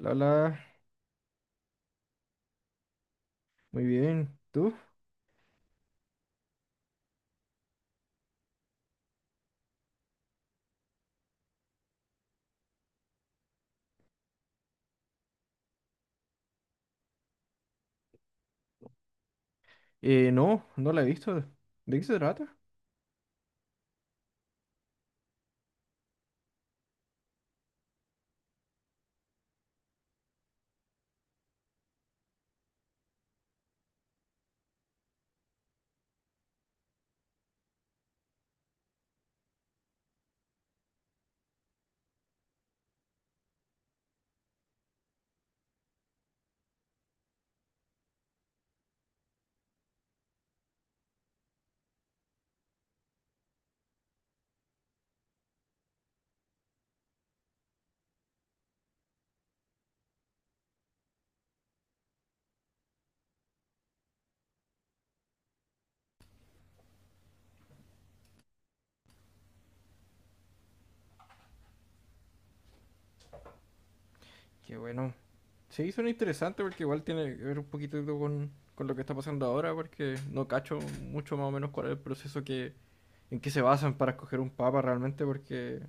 La, la, muy bien. ¿Tú? No, no la he visto. ¿De qué se trata? Qué bueno. Sí, suena interesante porque igual tiene que ver un poquito con lo que está pasando ahora, porque no cacho mucho más o menos cuál es el proceso que, en que se basan para escoger un papa realmente, porque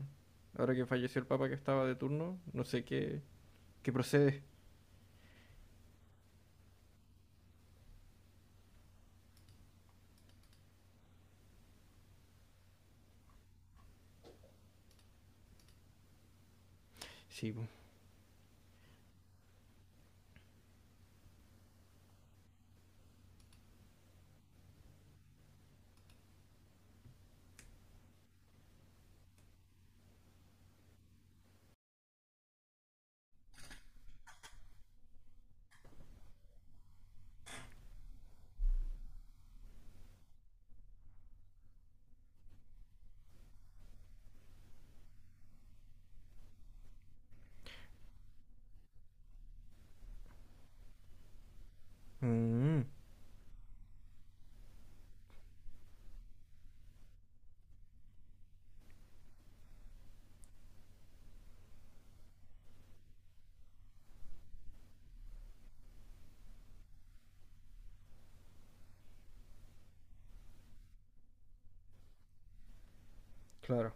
ahora que falleció el papa que estaba de turno, no sé qué, qué procede. Sí, po. Mm, claro.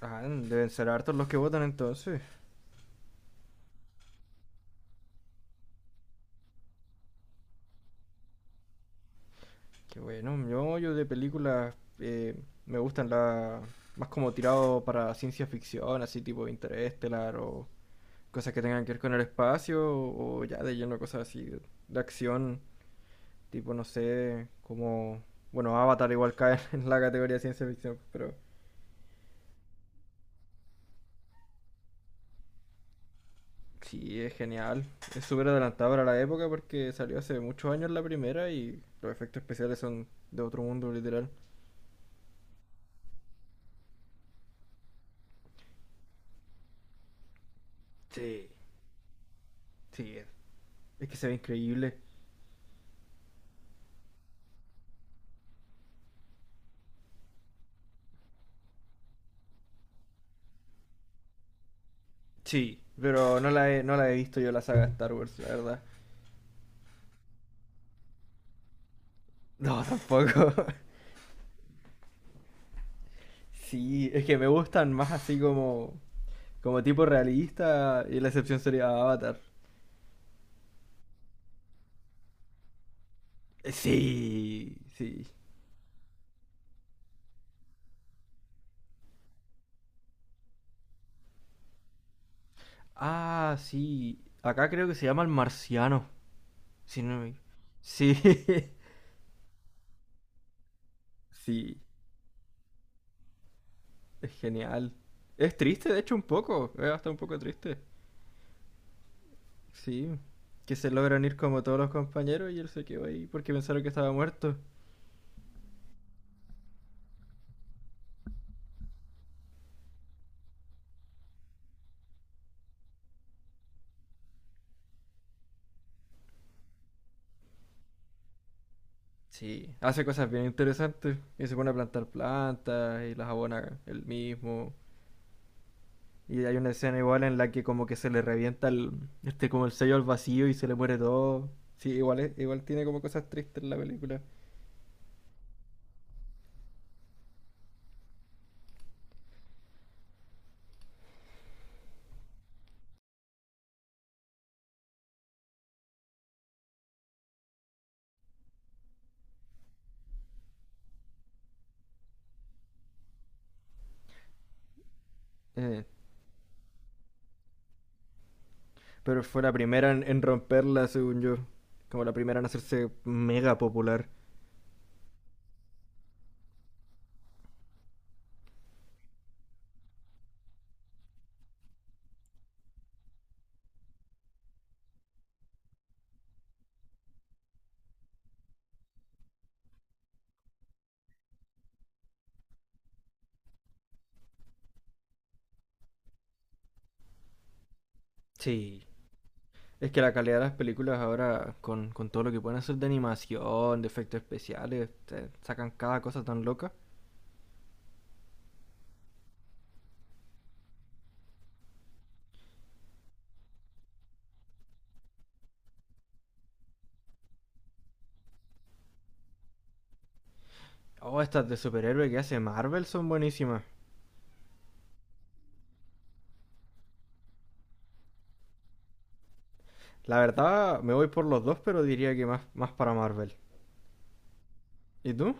Ah, deben ser hartos los que votan entonces. Qué bueno, yo de películas eh, me gustan las más como tirado para ciencia ficción, así tipo Interestelar o cosas que tengan que ver con el espacio o ya de lleno cosas así de acción, tipo no sé, como, bueno, Avatar igual cae en la categoría de ciencia ficción, pero sí, es genial, es súper adelantado para la época porque salió hace muchos años la primera y los efectos especiales son de otro mundo literal. Sí. Sí, es que se ve increíble. Sí, pero no la he visto yo la saga de Star Wars, la verdad. No, tampoco. Sí, es que me gustan más así como, como tipo realista y la excepción sería Avatar. Sí, sí. Ah, sí. Acá creo que se llama El Marciano. Si no me- Sí, sí, es genial. Es triste, de hecho, un poco. Es hasta un poco triste. Sí, que se logran ir como todos los compañeros y él se quedó ahí porque pensaron que estaba muerto. Sí, hace cosas bien interesantes. Y se pone a plantar plantas y las abona él mismo. Y hay una escena igual en la que como que se le revienta el, este como el sello al vacío y se le muere todo. Sí, igual tiene como cosas tristes la película. Eh, pero fue la primera en romperla, según yo. Como la primera en hacerse mega popular. Sí. Es que la calidad de las películas ahora, con todo lo que pueden hacer de animación, de efectos especiales, te sacan cada cosa tan loca. Oh, estas de superhéroe que hace Marvel son buenísimas. La verdad, me voy por los dos, pero diría que más, más para Marvel. ¿Y tú?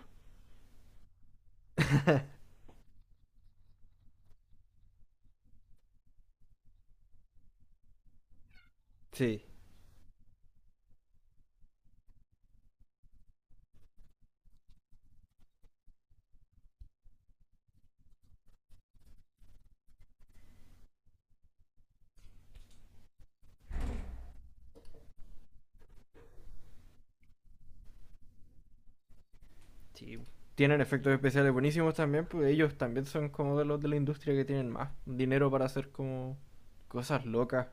Sí, sí. Tienen efectos especiales buenísimos también, pues ellos también son como de los de la industria que tienen más dinero para hacer como cosas locas.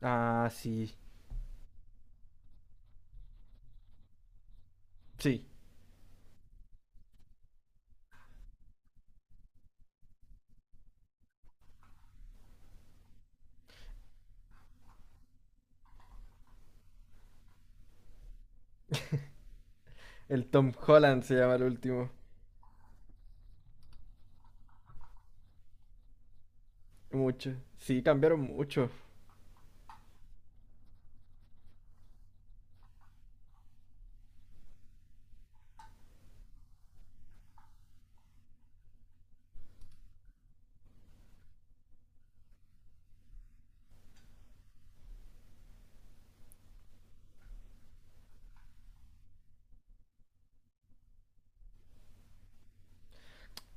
Ah, sí. Sí. El Tom Holland se llama el último. Mucho. Sí, cambiaron mucho.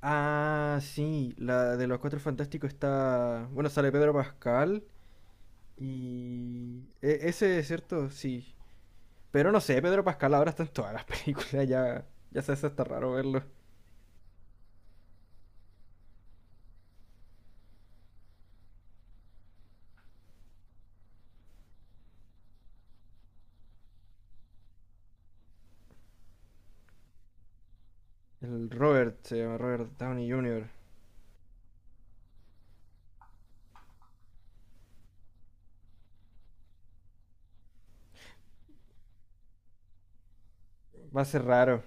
Ah, sí. La de los Cuatro Fantásticos está... Bueno, sale Pedro Pascal. Ese, es ¿cierto? Sí. Pero no sé, Pedro Pascal ahora está en todas las películas, ya, ya se hace hasta raro verlo. El Robert, se llama Robert Downey Jr. Va a ser raro.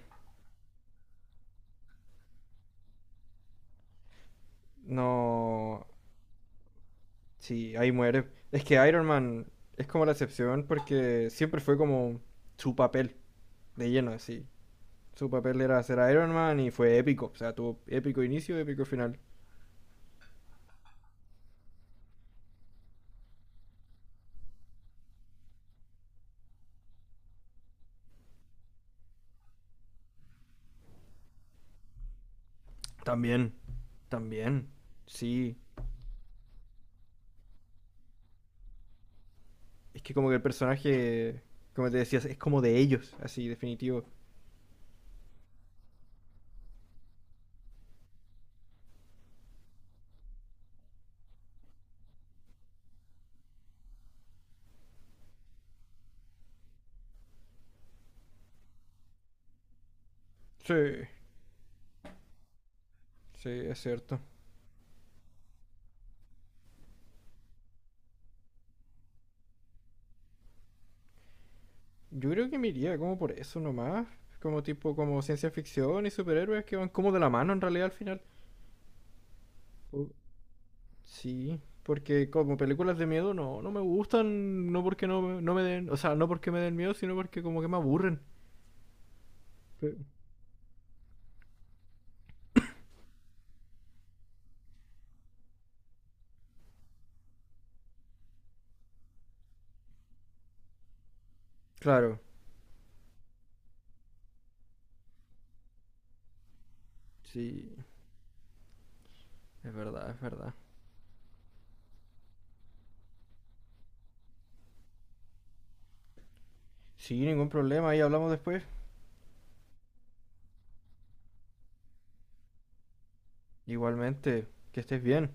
No. Sí, ahí muere. Es que Iron Man es como la excepción porque siempre fue como su papel de lleno, así. Su papel era ser Iron Man y fue épico. O sea, tuvo épico inicio, épico final. También, también. Sí. Es que como que el personaje, como te decías, es como de ellos, así, definitivo. Sí, sí, es cierto. Yo creo que me iría como por eso nomás. Como tipo, como ciencia ficción y superhéroes que van como de la mano en realidad al final. O- Sí, porque como películas de miedo no, no me gustan, no porque no, no me den, o sea, no porque me den miedo, sino porque como que me aburren. Pe- Claro, sí, es verdad, es verdad. Sí, ningún problema, ahí hablamos después. Igualmente, que estés bien.